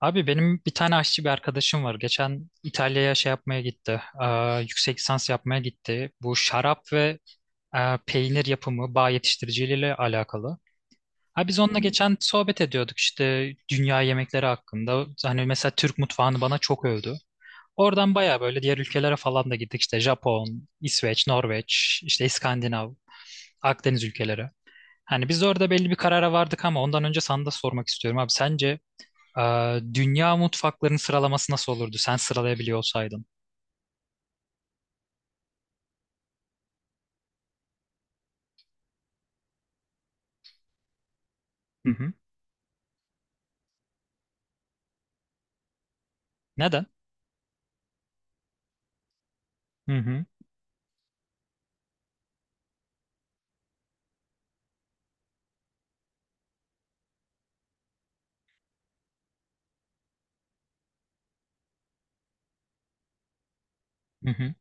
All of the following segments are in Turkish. Abi benim bir tane aşçı bir arkadaşım var. Geçen İtalya'ya şey yapmaya gitti. Yüksek lisans yapmaya gitti. Bu şarap ve peynir yapımı bağ yetiştiriciliğiyle alakalı. Ha, biz Hı onunla geçen sohbet ediyorduk işte dünya yemekleri hakkında. Hani mesela Türk mutfağını bana çok övdü. Oradan baya böyle diğer ülkelere falan da gittik. İşte Japon, İsveç, Norveç, işte İskandinav, Akdeniz ülkeleri. Hani biz de orada belli bir karara vardık ama ondan önce sana da sormak istiyorum abi. Sence dünya mutfaklarının sıralaması nasıl olurdu sen sıralayabiliyor olsaydın? Hı hı. Neden? Hı hı. Hı hı.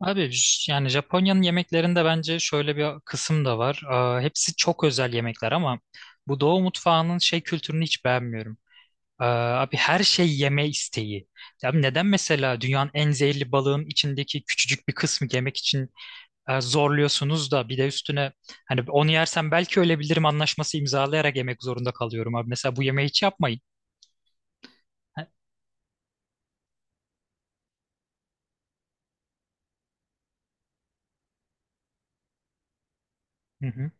Abi yani Japonya'nın yemeklerinde bence şöyle bir kısım da var. Hepsi çok özel yemekler ama bu Doğu mutfağının şey kültürünü hiç beğenmiyorum. Abi her şey yeme isteği. Ya abi neden mesela dünyanın en zehirli balığın içindeki küçücük bir kısmı yemek için zorluyorsunuz da bir de üstüne hani onu yersem belki ölebilirim anlaşması imzalayarak yemek zorunda kalıyorum abi. Mesela bu yemeği hiç yapmayın. Hı hı.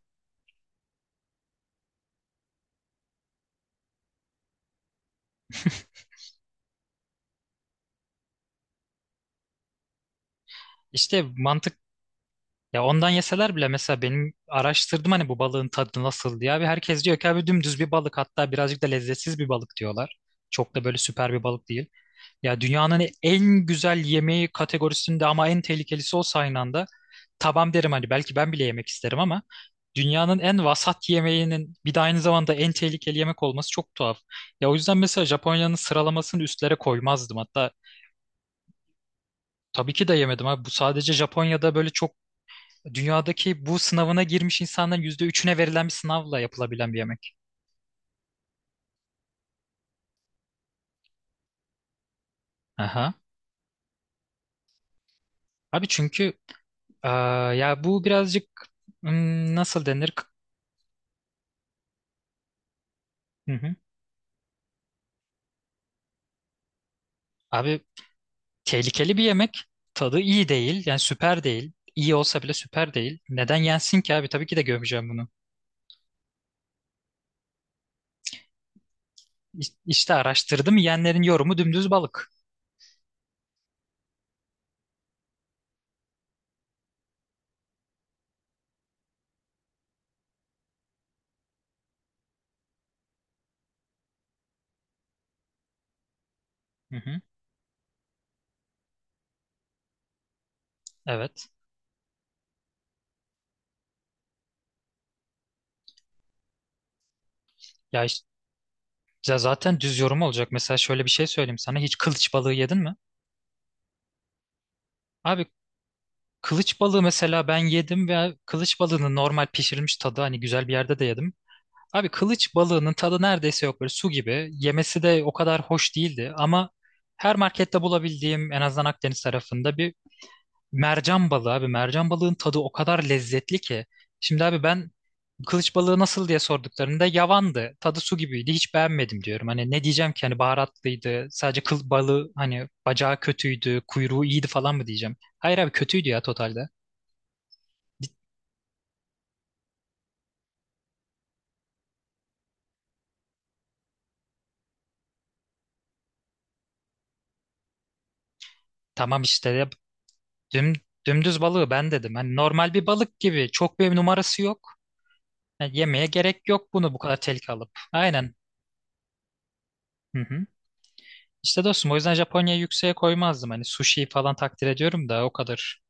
İşte mantık ya, ondan yeseler bile mesela benim araştırdım hani bu balığın tadı nasıl diye, abi herkes diyor ki abi dümdüz bir balık, hatta birazcık da lezzetsiz bir balık diyorlar. Çok da böyle süper bir balık değil. Ya dünyanın en güzel yemeği kategorisinde ama en tehlikelisi olsa aynı anda tamam derim, hani belki ben bile yemek isterim ama dünyanın en vasat yemeğinin bir de aynı zamanda en tehlikeli yemek olması çok tuhaf. Ya o yüzden mesela Japonya'nın sıralamasını üstlere koymazdım. Hatta tabii ki de yemedim abi. Bu sadece Japonya'da böyle çok. Dünyadaki bu sınavına girmiş insanların yüzde üçüne verilen bir sınavla yapılabilen bir yemek. Aha. Abi çünkü eee, ya bu birazcık nasıl denir? Hı hı. Abi tehlikeli bir yemek. Tadı iyi değil. Yani süper değil. İyi olsa bile süper değil. Neden yensin ki abi? Tabii ki de gömeceğim bunu. İşte araştırdım. Yiyenlerin yorumu dümdüz balık. Hı hı. Evet. Ya işte, ya zaten düz yorum olacak. Mesela şöyle bir şey söyleyeyim sana. Hiç kılıç balığı yedin mi? Abi kılıç balığı mesela ben yedim ve kılıç balığının normal pişirilmiş tadı, hani güzel bir yerde de yedim. Abi kılıç balığının tadı neredeyse yok, böyle su gibi. Yemesi de o kadar hoş değildi ama her markette bulabildiğim, en azından Akdeniz tarafında bir mercan balığı abi. Mercan balığın tadı o kadar lezzetli ki. Şimdi abi ben kılıç balığı nasıl diye sorduklarında yavandı, tadı su gibiydi, hiç beğenmedim diyorum. Hani ne diyeceğim ki, hani baharatlıydı, sadece kıl balığı hani bacağı kötüydü, kuyruğu iyiydi falan mı diyeceğim? Hayır abi, kötüydü ya totalde. Tamam işte, Düm, dümdüz balığı ben dedim. Hani normal bir balık gibi. Çok bir numarası yok. Yani yemeye gerek yok bunu bu kadar tehlike alıp. Aynen. Hı hı. İşte dostum o yüzden Japonya'yı yükseğe koymazdım. Hani sushi falan takdir ediyorum da o kadar.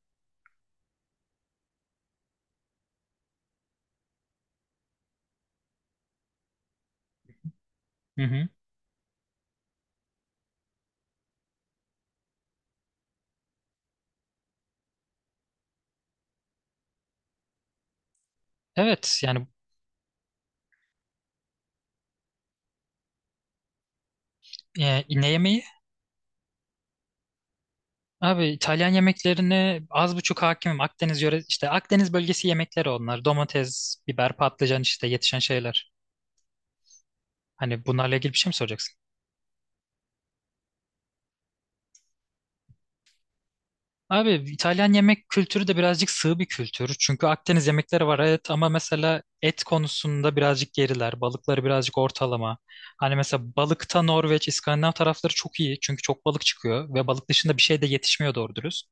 Hı hı. Evet yani ne yemeği? Abi İtalyan yemeklerine az buçuk hakimim. Akdeniz yöre işte Akdeniz bölgesi yemekleri onlar. Domates, biber, patlıcan işte yetişen şeyler. Hani bunlarla ilgili bir şey mi soracaksın? Abi İtalyan yemek kültürü de birazcık sığ bir kültür. Çünkü Akdeniz yemekleri var evet ama mesela et konusunda birazcık geriler. Balıkları birazcık ortalama. Hani mesela balıkta Norveç, İskandinav tarafları çok iyi. Çünkü çok balık çıkıyor ve balık dışında bir şey de yetişmiyor doğru dürüst.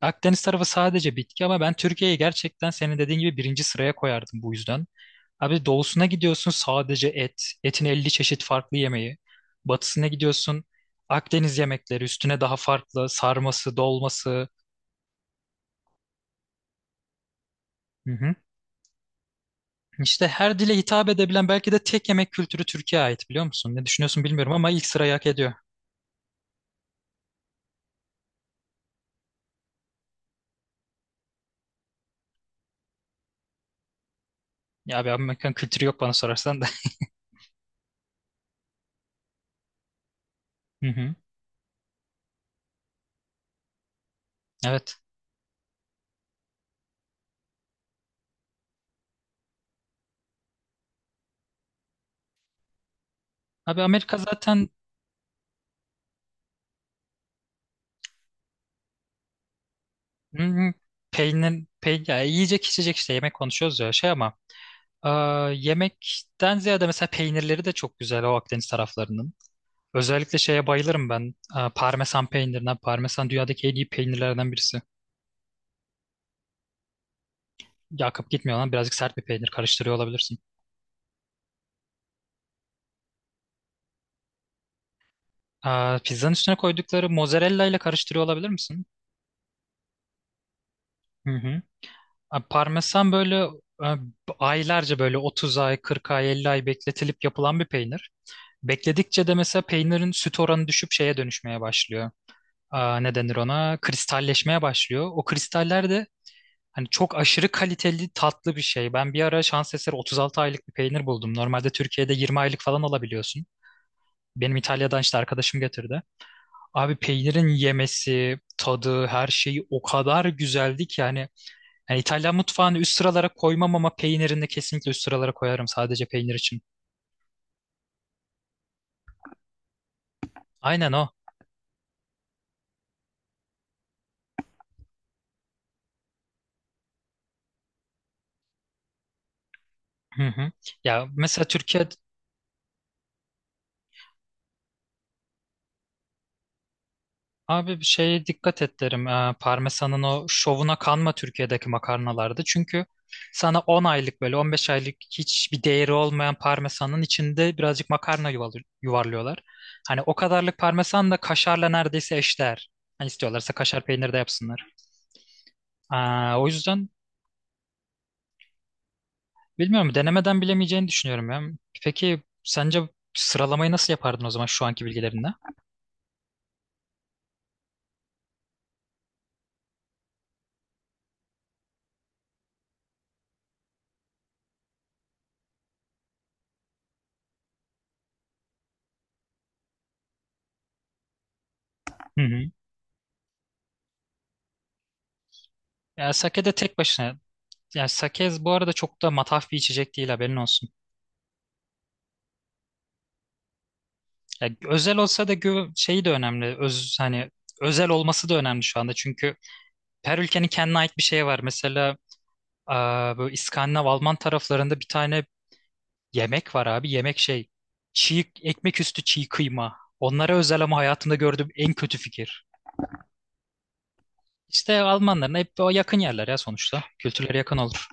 Akdeniz tarafı sadece bitki, ama ben Türkiye'yi gerçekten senin dediğin gibi birinci sıraya koyardım bu yüzden. Abi doğusuna gidiyorsun, sadece et. Etin 50 çeşit farklı yemeği. Batısına gidiyorsun, Akdeniz yemekleri üstüne daha farklı sarması, dolması. Hı hı. İşte her dile hitap edebilen belki de tek yemek kültürü Türkiye'ye ait, biliyor musun? Ne düşünüyorsun bilmiyorum ama ilk sırayı hak ediyor. Ya abi Amerikan kültürü yok bana sorarsan da. Hı hı. Evet. Abi Amerika zaten. Hı hı. Peynir, ya yiyecek içecek işte, yemek konuşuyoruz ya şey ama yemekten ziyade mesela peynirleri de çok güzel o Akdeniz taraflarının. Özellikle şeye bayılırım ben. Parmesan peynirine. Parmesan dünyadaki en iyi peynirlerden birisi. Yakıp gitmiyor lan, birazcık sert bir peynir karıştırıyor olabilirsin. Pizzanın üstüne koydukları mozzarella ile karıştırıyor olabilir misin? Hı hı. Parmesan böyle e, aylarca, böyle 30 ay, 40 ay, 50 ay bekletilip yapılan bir peynir. Bekledikçe de mesela peynirin süt oranı düşüp şeye dönüşmeye başlıyor. Ne denir ona? Kristalleşmeye başlıyor. O kristaller de hani çok aşırı kaliteli tatlı bir şey. Ben bir ara şans eseri 36 aylık bir peynir buldum. Normalde Türkiye'de 20 aylık falan alabiliyorsun. Benim İtalya'dan işte arkadaşım getirdi. Abi peynirin yemesi, tadı, her şeyi o kadar güzeldi ki yani, yani İtalyan mutfağını üst sıralara koymam ama peynirini kesinlikle üst sıralara koyarım, sadece peynir için. Aynen o. Hı hı. Ya mesela Türkiye, abi bir şeye dikkat et derim. Parmesanın o şovuna kanma Türkiye'deki makarnalarda. Çünkü sana 10 aylık, böyle 15 aylık hiçbir değeri olmayan parmesanın içinde birazcık makarna yuvarlıyorlar. Hani o kadarlık parmesan da kaşarla neredeyse eşdeğer. Hani istiyorlarsa kaşar peynir de yapsınlar. O yüzden bilmiyorum, denemeden bilemeyeceğini düşünüyorum ya. Peki sence sıralamayı nasıl yapardın o zaman şu anki bilgilerinle? Hı hı. Ya sake de tek başına. Yani sake bu arada çok da mataf bir içecek değil, haberin olsun. Ya özel olsa da şeyi de önemli. Hani özel olması da önemli şu anda. Çünkü her ülkenin kendine ait bir şey var. Mesela böyle İskandinav Alman taraflarında bir tane yemek var abi. Yemek şey. Çiğ ekmek üstü çiğ kıyma. Onlara özel ama hayatımda gördüğüm en kötü fikir. İşte Almanların hep o yakın yerler ya sonuçta. Kültürleri yakın olur.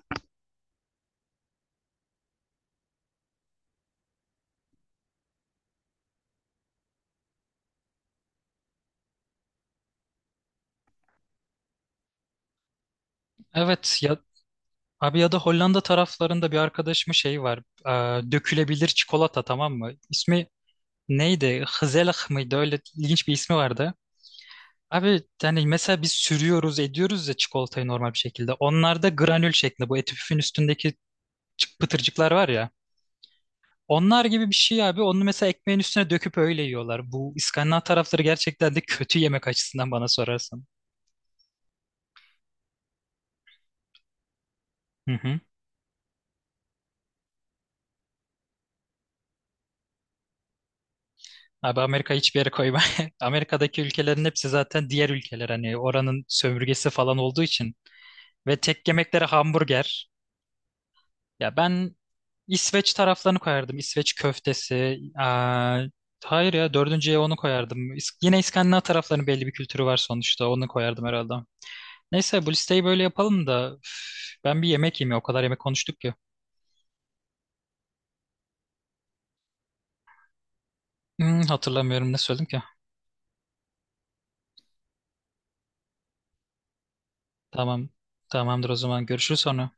Evet ya, abi ya da Hollanda taraflarında bir arkadaşımın şey var. Dökülebilir çikolata, tamam mı? İsmi neydi? Hızelah mıydı? Öyle ilginç bir ismi vardı. Abi yani mesela biz sürüyoruz ediyoruz ya çikolatayı normal bir şekilde. Onlarda granül şeklinde, bu eti püfün üstündeki pıtırcıklar var ya. Onlar gibi bir şey abi. Onu mesela ekmeğin üstüne döküp öyle yiyorlar. Bu İskandinav tarafları gerçekten de kötü yemek açısından bana sorarsan. Hı hı. Abi Amerika hiçbir yere koyma. Amerika'daki ülkelerin hepsi zaten diğer ülkeler. Hani oranın sömürgesi falan olduğu için. Ve tek yemekleri hamburger. Ya ben İsveç taraflarını koyardım. İsveç köftesi. Hayır ya, dördüncüye onu koyardım. Yine İskandinav taraflarının belli bir kültürü var sonuçta. Onu koyardım herhalde. Neyse bu listeyi böyle yapalım da üf, ben bir yemek yemeye, o kadar yemek konuştuk ki. Hatırlamıyorum ne söyledim ki. Tamam. Tamamdır, o zaman görüşürüz sonra.